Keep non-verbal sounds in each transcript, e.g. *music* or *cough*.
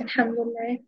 الحمد لله.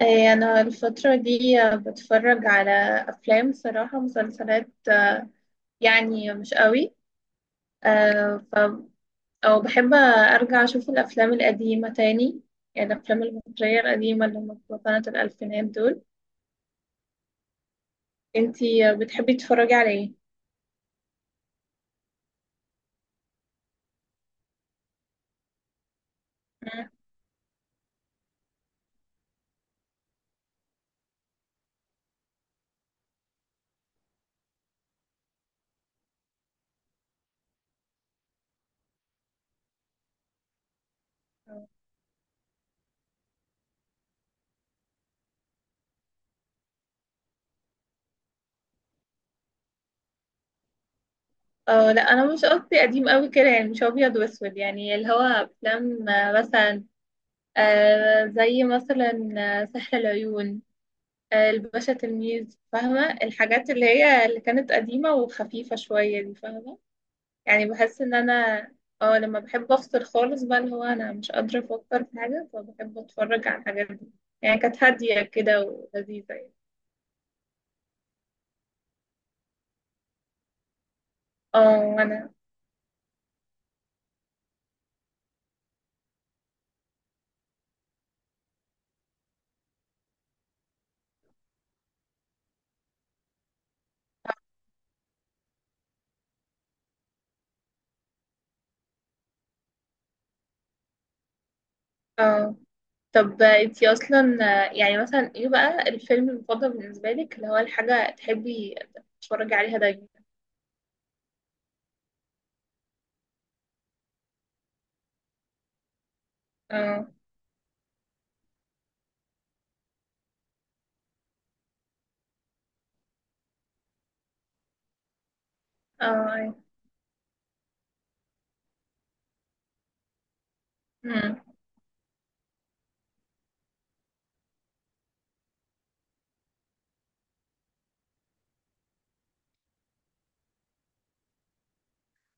أنا الفترة دي بتفرج على أفلام صراحة، مسلسلات يعني مش قوي. آه، ف أو بحب أرجع أشوف الأفلام القديمة تاني، يعني الأفلام المصرية القديمة اللي هم بتوع سنة الألفينات دول. أنتي بتحبي تتفرجي على إيه؟ مم. اه، لا انا مش قصدي قديم قوي كده، يعني مش ابيض واسود، يعني اللي هو افلام مثلا آه زي مثلا آه، سحر العيون، الباشا تلميذ. فاهمة الحاجات اللي هي اللي كانت قديمة وخفيفة شوية دي؟ فاهمة يعني، بحس ان انا اه، لما بحب افصل خالص بقى، اللي هو انا مش قادرة افكر في حاجة، فبحب اتفرج على الحاجات دي. يعني كانت هادية كده ولذيذة يعني. اه وانا اه، طب انتي اصلا يعني مثلا ايه بقى الفيلم المفضل بالنسبة لك، اللي هو الحاجة تحبي تتفرجي عليها دايما؟ اه. اه، أيوة. مم.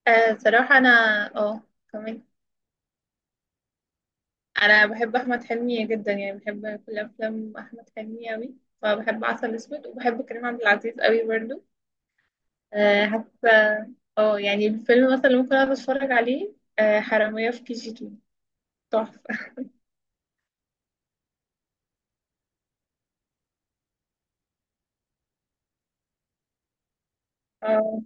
صراحة انا اه، كمان انا بحب احمد حلمي جدا، يعني بحب كل افلام احمد حلمي قوي. فبحب عسل اسود، وبحب كريم عبد العزيز قوي برضو. أه حتى اه، يعني الفيلم مثلا اللي ممكن اقعد اتفرج عليه، أه، حرامية في كي جي 2. تحفة. اه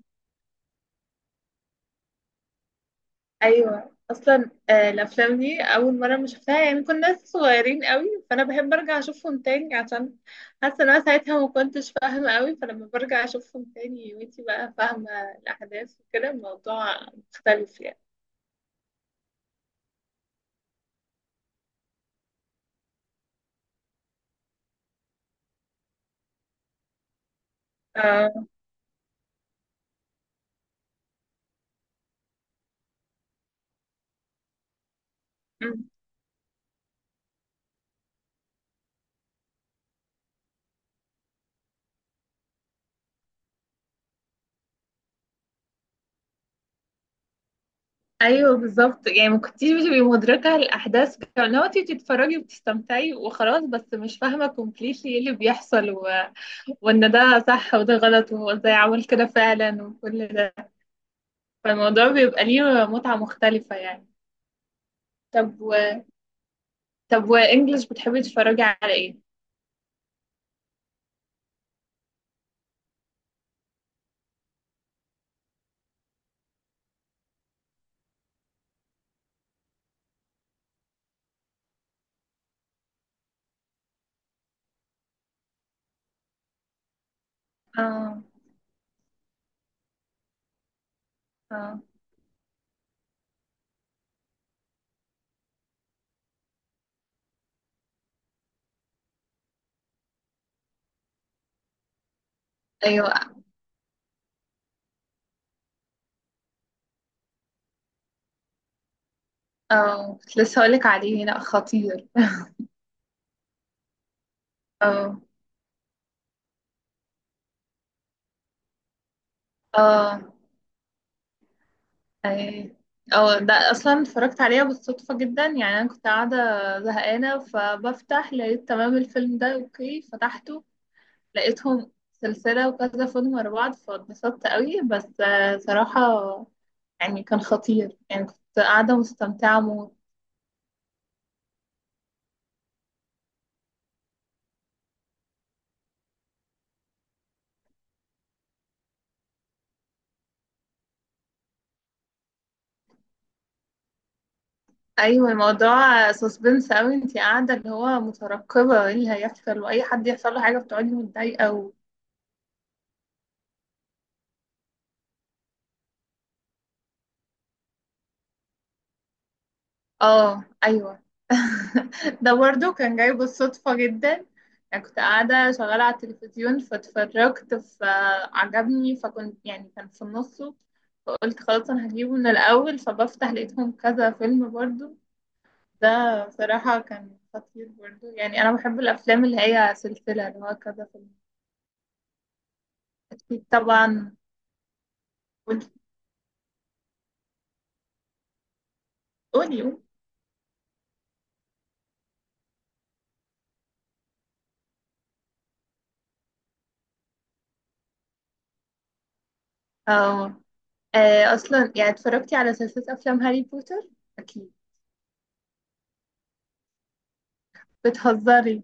ايوه، اصلا أه الافلام دي اول مرة ما شفتها يعني كنا ناس صغيرين قوي، فانا بحب ارجع اشوفهم تاني عشان حاسة ان انا ساعتها ما كنتش فاهمة قوي، فلما برجع اشوفهم تاني وانتي بقى فاهمة الاحداث وكده، الموضوع مختلف يعني. اه ايوه بالظبط، يعني ما كنتيش بتبقي مدركه الاحداث بتاع، لو انت بتتفرجي وبتستمتعي وخلاص، بس مش فاهمه كومبليتلي ايه اللي بيحصل، و... وان ده صح وده غلط وهو ازاي عمل كده فعلا، وكل ده. فالموضوع بيبقى ليه متعه مختلفه يعني. طب و، طب وانجلش بتحبي تتفرجي على ايه؟ اه. اه ايوه، اه كنت لسه هقولك عليه، لا خطير. اه. اه ايه، او ده اصلا اتفرجت عليها بالصدفة جدا، يعني انا كنت قاعدة زهقانة، فبفتح لقيت تمام الفيلم ده، اوكي فتحته، لقيتهم سلسلة وكذا فيلم ورا بعض، فاتبسطت قوي. بس صراحة يعني كان خطير، يعني كنت قاعدة مستمتعة موت. ايوه الموضوع سسبنس قوي، انتي قاعدة اللي هو مترقبة ايه اللي هيحصل، واي حد يحصل له حاجة بتقعدي متضايقة. اه ايوه. *laughs* ده برضو كان جاي بالصدفة جدا. انا كنت قاعدة شغالة على التلفزيون فاتفرجت، فعجبني، فكنت يعني كان في نصه، فقلت خلاص انا هجيبه من الاول، فبفتح لقيتهم كذا فيلم برضو. ده بصراحة كان خطير برضو، يعني انا بحب الافلام اللي هي سلسلة، اللي هو كذا فيلم. اكيد طبعا. قولي، قولي. اه. اصلا يعني، اتفرجتي على سلسلة افلام هاري بوتر؟ اكيد. بتهزري.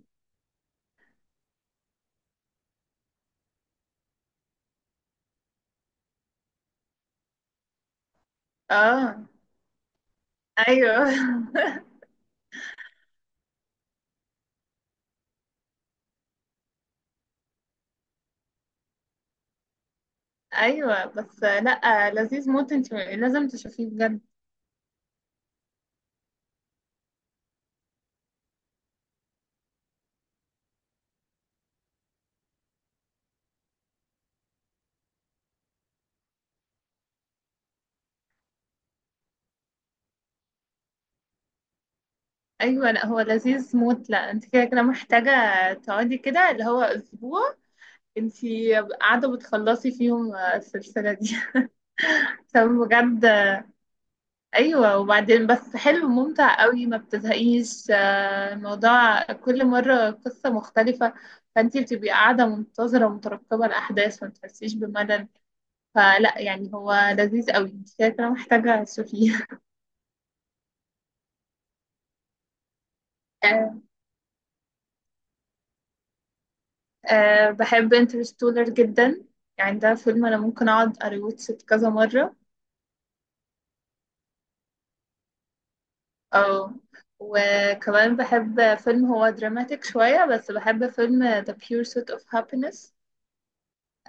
اه ايوه. *laughs* ايوه بس، لا لذيذ موت، انت لازم تشوفيه بجد. ايوه، لا هو لذيذ موت، لا انت كده كده محتاجه تقعدي كده، اللي هو اسبوع انت قاعده بتخلصي فيهم السلسله دي. *laughs* طب بجد ايوه، وبعدين بس حلو ممتع قوي، ما بتزهقيش. الموضوع كل مره قصه مختلفه، فانت بتبقي قاعده منتظره ومترقبه الاحداث، ما بتحسيش بملل. فلا يعني هو لذيذ قوي، انت كده كده محتاجه تشوفيه. *laughs* أه بحب انترستولر جدا، يعني ده فيلم انا ممكن اقعد اريوتش كذا مرة. او، وكمان بحب فيلم هو دراماتيك شوية، بس بحب فيلم The Pursuit of Happiness.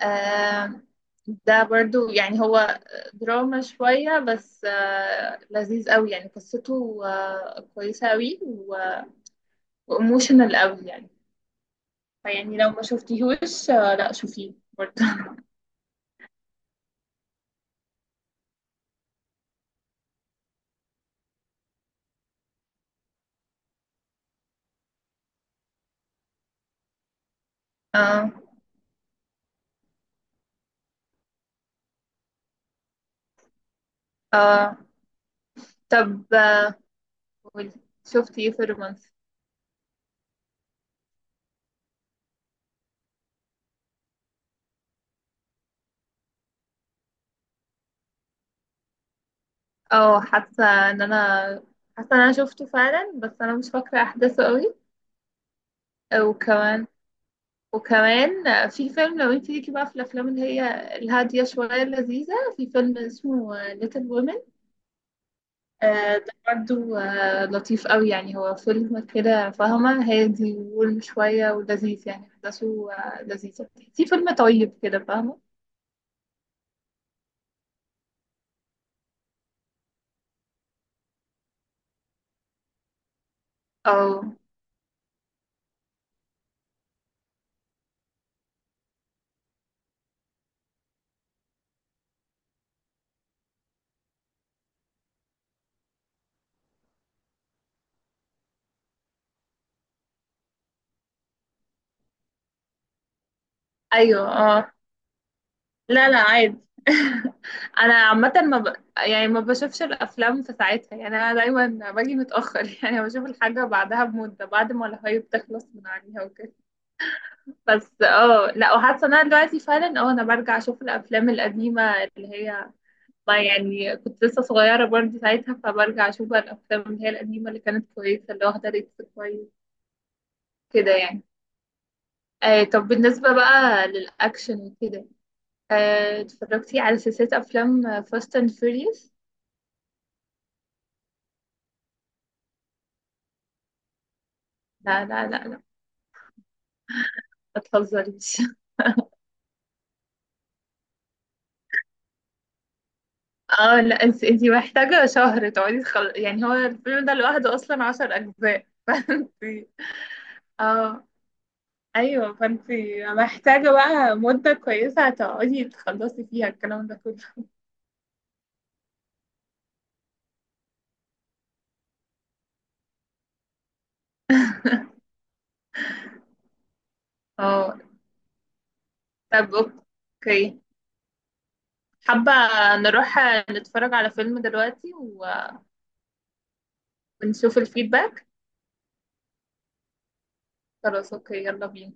أه ده برضو، يعني هو دراما شوية بس أه لذيذ قوي، يعني قصته أه كويسة قوي وإيموشنال قوي يعني. فيعني لو ما شفتيهوش أه لا شوفيه برضو. *laughs* اه. اه طب، قولي، شفتي ايه في الرومانسي؟ اه حاسه ان انا، حاسه ان انا شفته فعلا بس انا مش فاكره احداثه قوي. وكمان وكمان في فيلم، لو انت ليكي بقى في الافلام اللي هي الهاديه شويه اللذيذه، في فيلم اسمه ليتل وومن. ده برضه لطيف قوي، يعني هو فيلم كده فاهمه، هادي وورم شويه ولذيذ، يعني احداثه لذيذه. في فيلم طيب كده فاهمه. اه ايوه. اه لا لا عادي. *laughs* انا عامه ما ب، يعني ما بشوفش الافلام في ساعتها، يعني انا دايما باجي متاخر، *laughs* يعني بشوف الحاجه بعدها بمده، بعد ما الهايب تخلص من عليها وكده. بس اه لا، وحاسه ان انا دلوقتي فعلا اه، انا برجع اشوف الافلام القديمه اللي هي، ما يعني كنت لسه صغيره برضه ساعتها، فبرجع اشوف بقى الافلام اللي هي القديمه، اللي كانت كويسه اللي واخده ريتس كويس كده يعني. آه طب بالنسبه بقى للاكشن وكده، آه اتفرجتي على سلسله افلام فاست اند فيوريوس؟ لا ما تهزريش. اه لا انت، انت محتاجة شهر تقعدي تخل، يعني هو الفيلم ده لوحده اصلا عشر اجزاء. *laughs* فانت اه ايوه، فانت محتاجة بقى مدة كويسة تقعدي تخلصي فيها الكلام ده كله. اه طب اوكي، حابة نروح نتفرج على فيلم دلوقتي و- ونشوف الفيدباك. خلاص اوكي، يلا بينا.